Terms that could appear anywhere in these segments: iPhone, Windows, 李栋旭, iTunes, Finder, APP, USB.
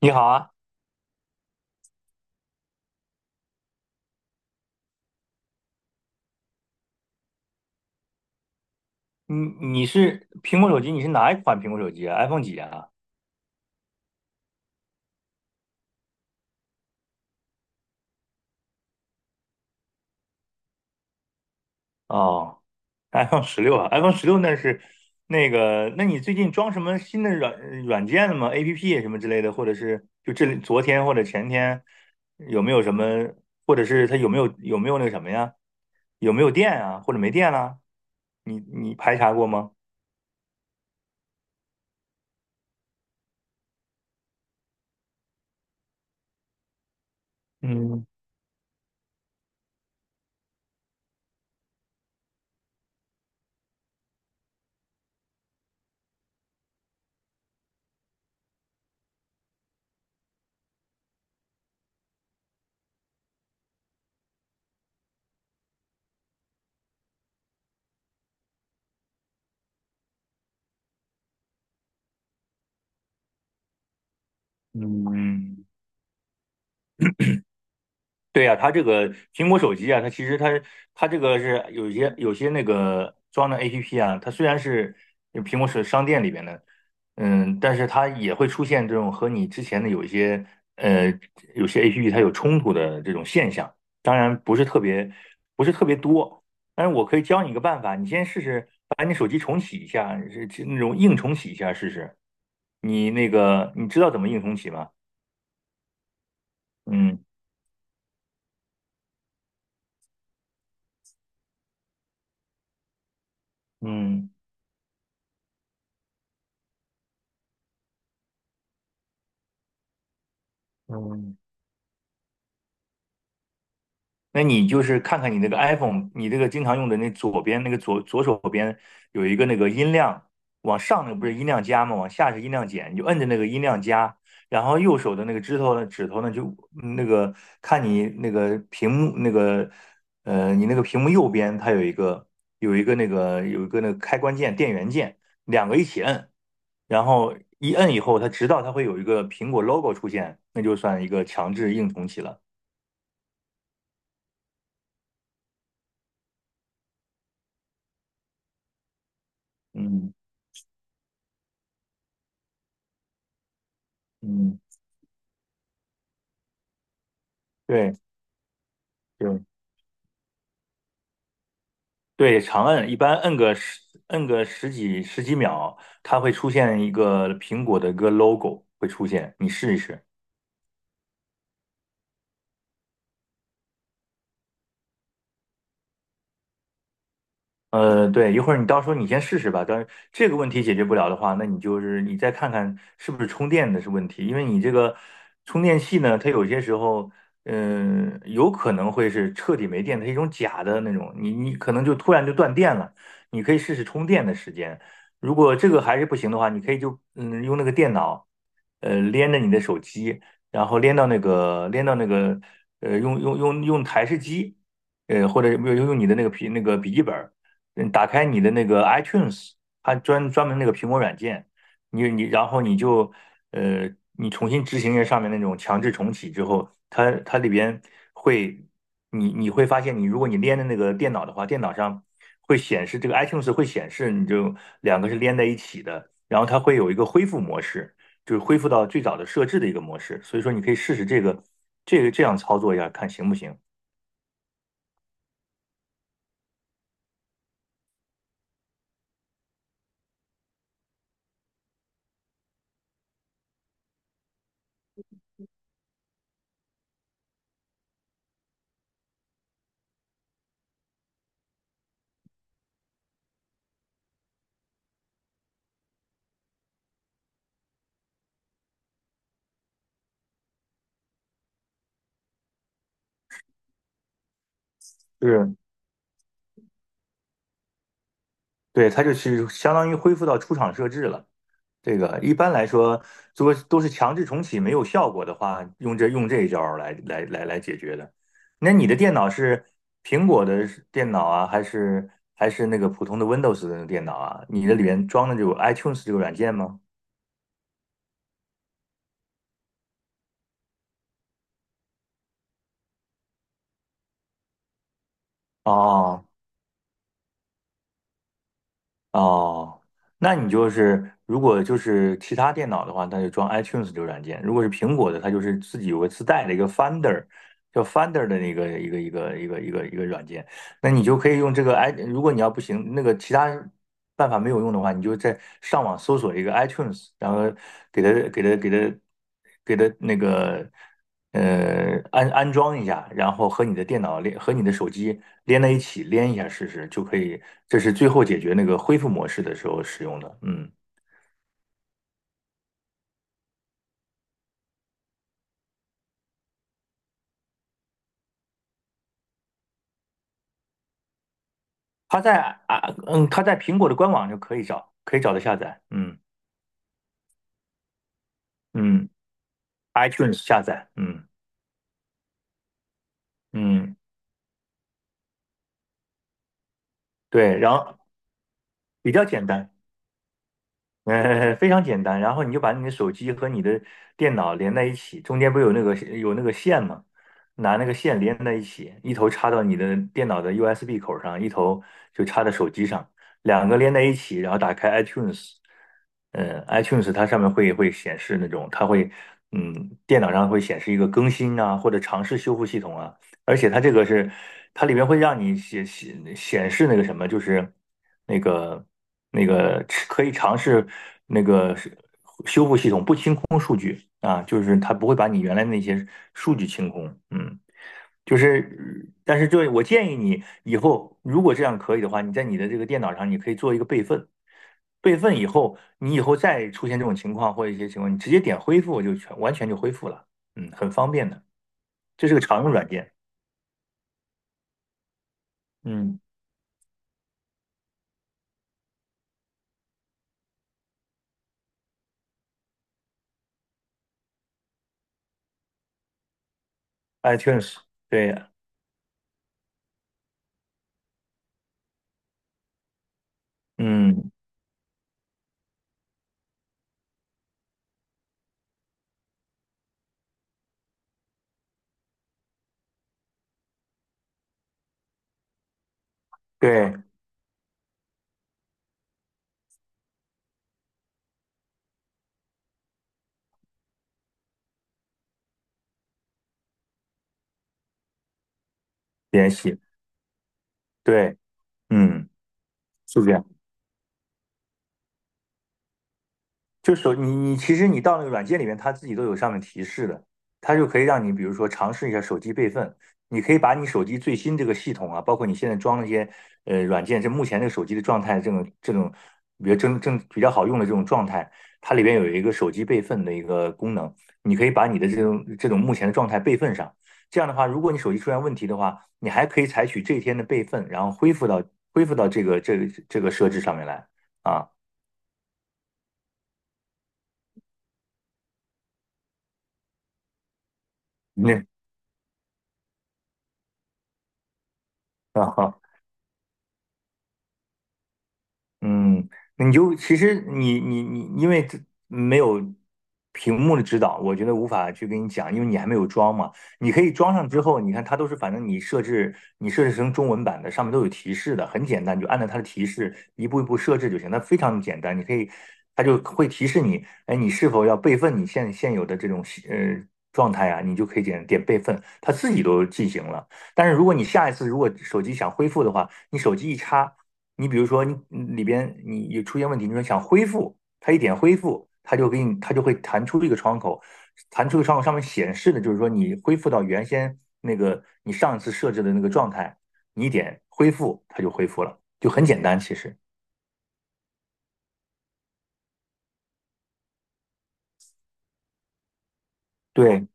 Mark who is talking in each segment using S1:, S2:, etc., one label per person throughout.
S1: 你好啊，你你是苹果手机，你是哪一款苹果手机啊？iPhone 几啊？哦，iPhone 十六啊，iPhone 十六那是那个，那你最近装什么新的软件了吗？APP 什么之类的，或者是就这里昨天或者前天有没有什么，或者是它有没有那个什么呀？有没有电啊？或者没电了？你排查过吗？嗯嗯，对呀、它这个苹果手机啊，它其实它这个是有些那个装的 APP 啊，它虽然是苹果手商店里边的，嗯，但是它也会出现这种和你之前的呃有些 APP 它有冲突的这种现象，当然不是特别多，但是我可以教你一个办法，你先试试把你手机重启一下，是那种硬重启一下试试，你那个你知道怎么硬重启吗？嗯嗯嗯。那你就是看看你那个 iPhone，你这个经常用的那左边那个左手边有一个那个音量，往上那个不是音量加吗？往下是音量减，你就摁着那个音量加，然后右手的那个指头呢就嗯那个看你那个屏幕那个你那个屏幕右边它有一个那个开关键电源键，两个一起摁，然后一摁以后，它直到它会有一个苹果 logo 出现，那就算一个强制硬重启了。嗯嗯。对，对对，长摁，一般摁个十几秒，它会出现一个苹果的一个 logo 会出现，你试一试。对，一会儿你到时候你先试试吧。但是这个问题解决不了的话，那你就是你再看看是不是充电的是问题，因为你这个充电器呢，它有些时候，嗯、有可能会是彻底没电，它是一种假的那种，你可能就突然就断电了。你可以试试充电的时间，如果这个还是不行的话，你可以就用那个电脑，连着你的手机，然后连到那个用台式机。或者用你的那个笔记本，嗯，打开你的那个 iTunes，它专门那个苹果软件，你然后你就你重新执行一下上面那种强制重启之后，它里边会你会发现你，如果你连的那个电脑的话，电脑上会显示这个 iTunes 会显示，你就两个是连在一起的，然后它会有一个恢复模式，就是恢复到最早的设置的一个模式，所以说你可以试试这个这样操作一下，看行不行？就是对，它就是相当于恢复到出厂设置了。这个一般来说，如果都是强制重启没有效果的话，用这一招儿来解决的。那你的电脑是苹果的电脑啊，还是那个普通的 Windows 的电脑啊？你的里面装的有 iTunes 这个软件吗？哦，哦，那你就是如果就是其他电脑的话，那就装 iTunes 这个软件；如果是苹果的，它就是自己有个自带的一个 Finder，叫 Finder 的那个一个软件。那你就可以用这个 如果你要不行，那个其他办法没有用的话，你就在上网搜索一个 iTunes，然后给它给它给它给它那个。安装一下，然后和你的手机连在一起，连一下试试就可以。这是最后解决那个恢复模式的时候使用的。嗯，它在啊，它在苹果的官网就可以找，可以找到下载。嗯嗯，iTunes 下载。嗯嗯，对，然后比较简单。非常简单。然后你就把你的手机和你的电脑连在一起，中间不是有那个线吗？拿那个线连在一起，一头插到你的电脑的 USB 口上，一头就插在手机上，两个连在一起，然后打开 iTunes。嗯，iTunes 它上面会显示那种，它会嗯，电脑上会显示一个更新啊，或者尝试修复系统啊，而且它这个是，它里面会让你显示那个什么，就是那个那个吃可以尝试那个是修复系统不清空数据啊，就是它不会把你原来那些数据清空，嗯，就是但是这我建议你以后如果这样可以的话，你在你的这个电脑上你可以做一个备份，备份以后你以后再出现这种情况或者一些情况，你直接点恢复就完全就恢复了，嗯，很方便的，这是个常用软件，嗯。iTunes，对，嗯，对，联系，对，嗯，是这样。你其实你到那个软件里面，它自己都有上面提示的，它就可以让你比如说尝试一下手机备份，你可以把你手机最新这个系统啊，包括你现在装那些软件，这目前这个手机的状态，这种比较比较好用的这种状态，它里边有一个手机备份的一个功能，你可以把你的这种目前的状态备份上。这样的话，如果你手机出现问题的话，你还可以采取这一天的备份，然后恢复到这个这个设置上面来啊。那啊。好。嗯，那你就其实你，因为这没有屏幕的指导，我觉得无法去跟你讲，因为你还没有装嘛。你可以装上之后，你看它都是，反正你设置成中文版的，上面都有提示的，很简单，你就按照它的提示一步一步设置就行，它非常简单。你可以，它就会提示你，哎，你是否要备份你现有的这种状态啊？你就可以点备份，它自己都进行了。但是如果你下一次如果手机想恢复的话，你手机一插。你比如说你里边你有出现问题，你说想恢复，它一点恢复，它就会弹出一个窗口，弹出一个窗口上面显示的就是说你恢复到原先那个你上一次设置的那个状态，你一点恢复它就恢复了，就很简单其实。对，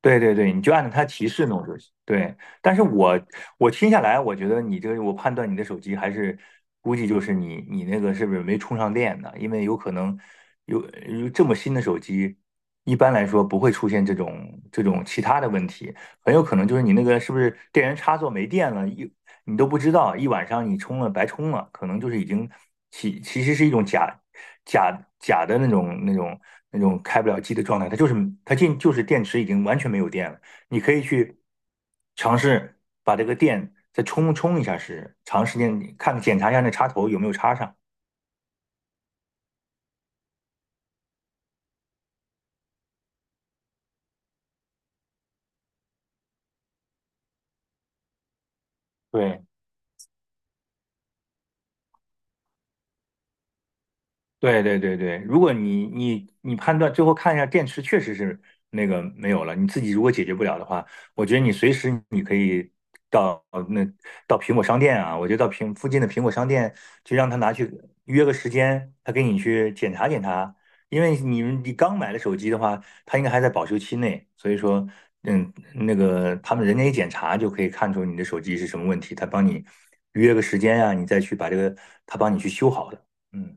S1: 对对对，你就按照它提示弄就行。对，但是我听下来，我觉得你这个，我判断你的手机还是估计就是你那个是不是没充上电呢？因为有可能有有这么新的手机，一般来说不会出现这种其他的问题。很有可能就是你那个是不是电源插座没电了，一你都不知道，一晚上你充了白充了，可能就是已经其实是一种假的那种开不了机的状态，就是电池已经完全没有电了。你可以去尝试把这个电再充充一下试试，长时间看检查一下那插头有没有插上。对，对对对对，如果你判断最后看一下电池确实是那个没有了，你自己如果解决不了的话，我觉得你随时你可以到那到苹果商店啊，我觉得附近的苹果商店就让他拿去约个时间，他给你去检查检查，因为你刚买的手机的话，它应该还在保修期内，所以说嗯那个他们人家一检查就可以看出你的手机是什么问题，他帮你约个时间啊，你再去把这个他帮你去修好的，嗯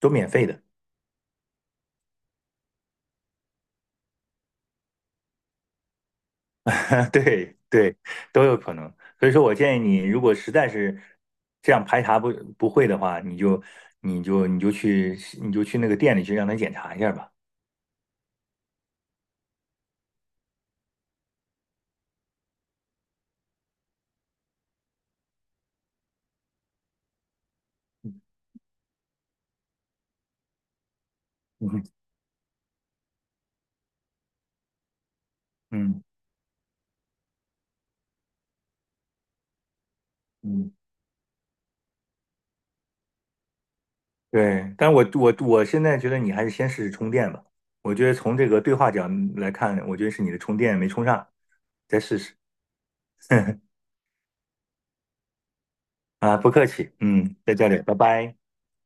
S1: 都免费的，对对，都有可能。所以说我建议你，如果实在是这样排查不不会的话，你就去那个店里去让他检查一下吧。嗯嗯嗯，对。但我现在觉得你还是先试试充电吧。我觉得从这个对话角来看，我觉得是你的充电没充上，再试试。啊，不客气，嗯，再见了，拜拜。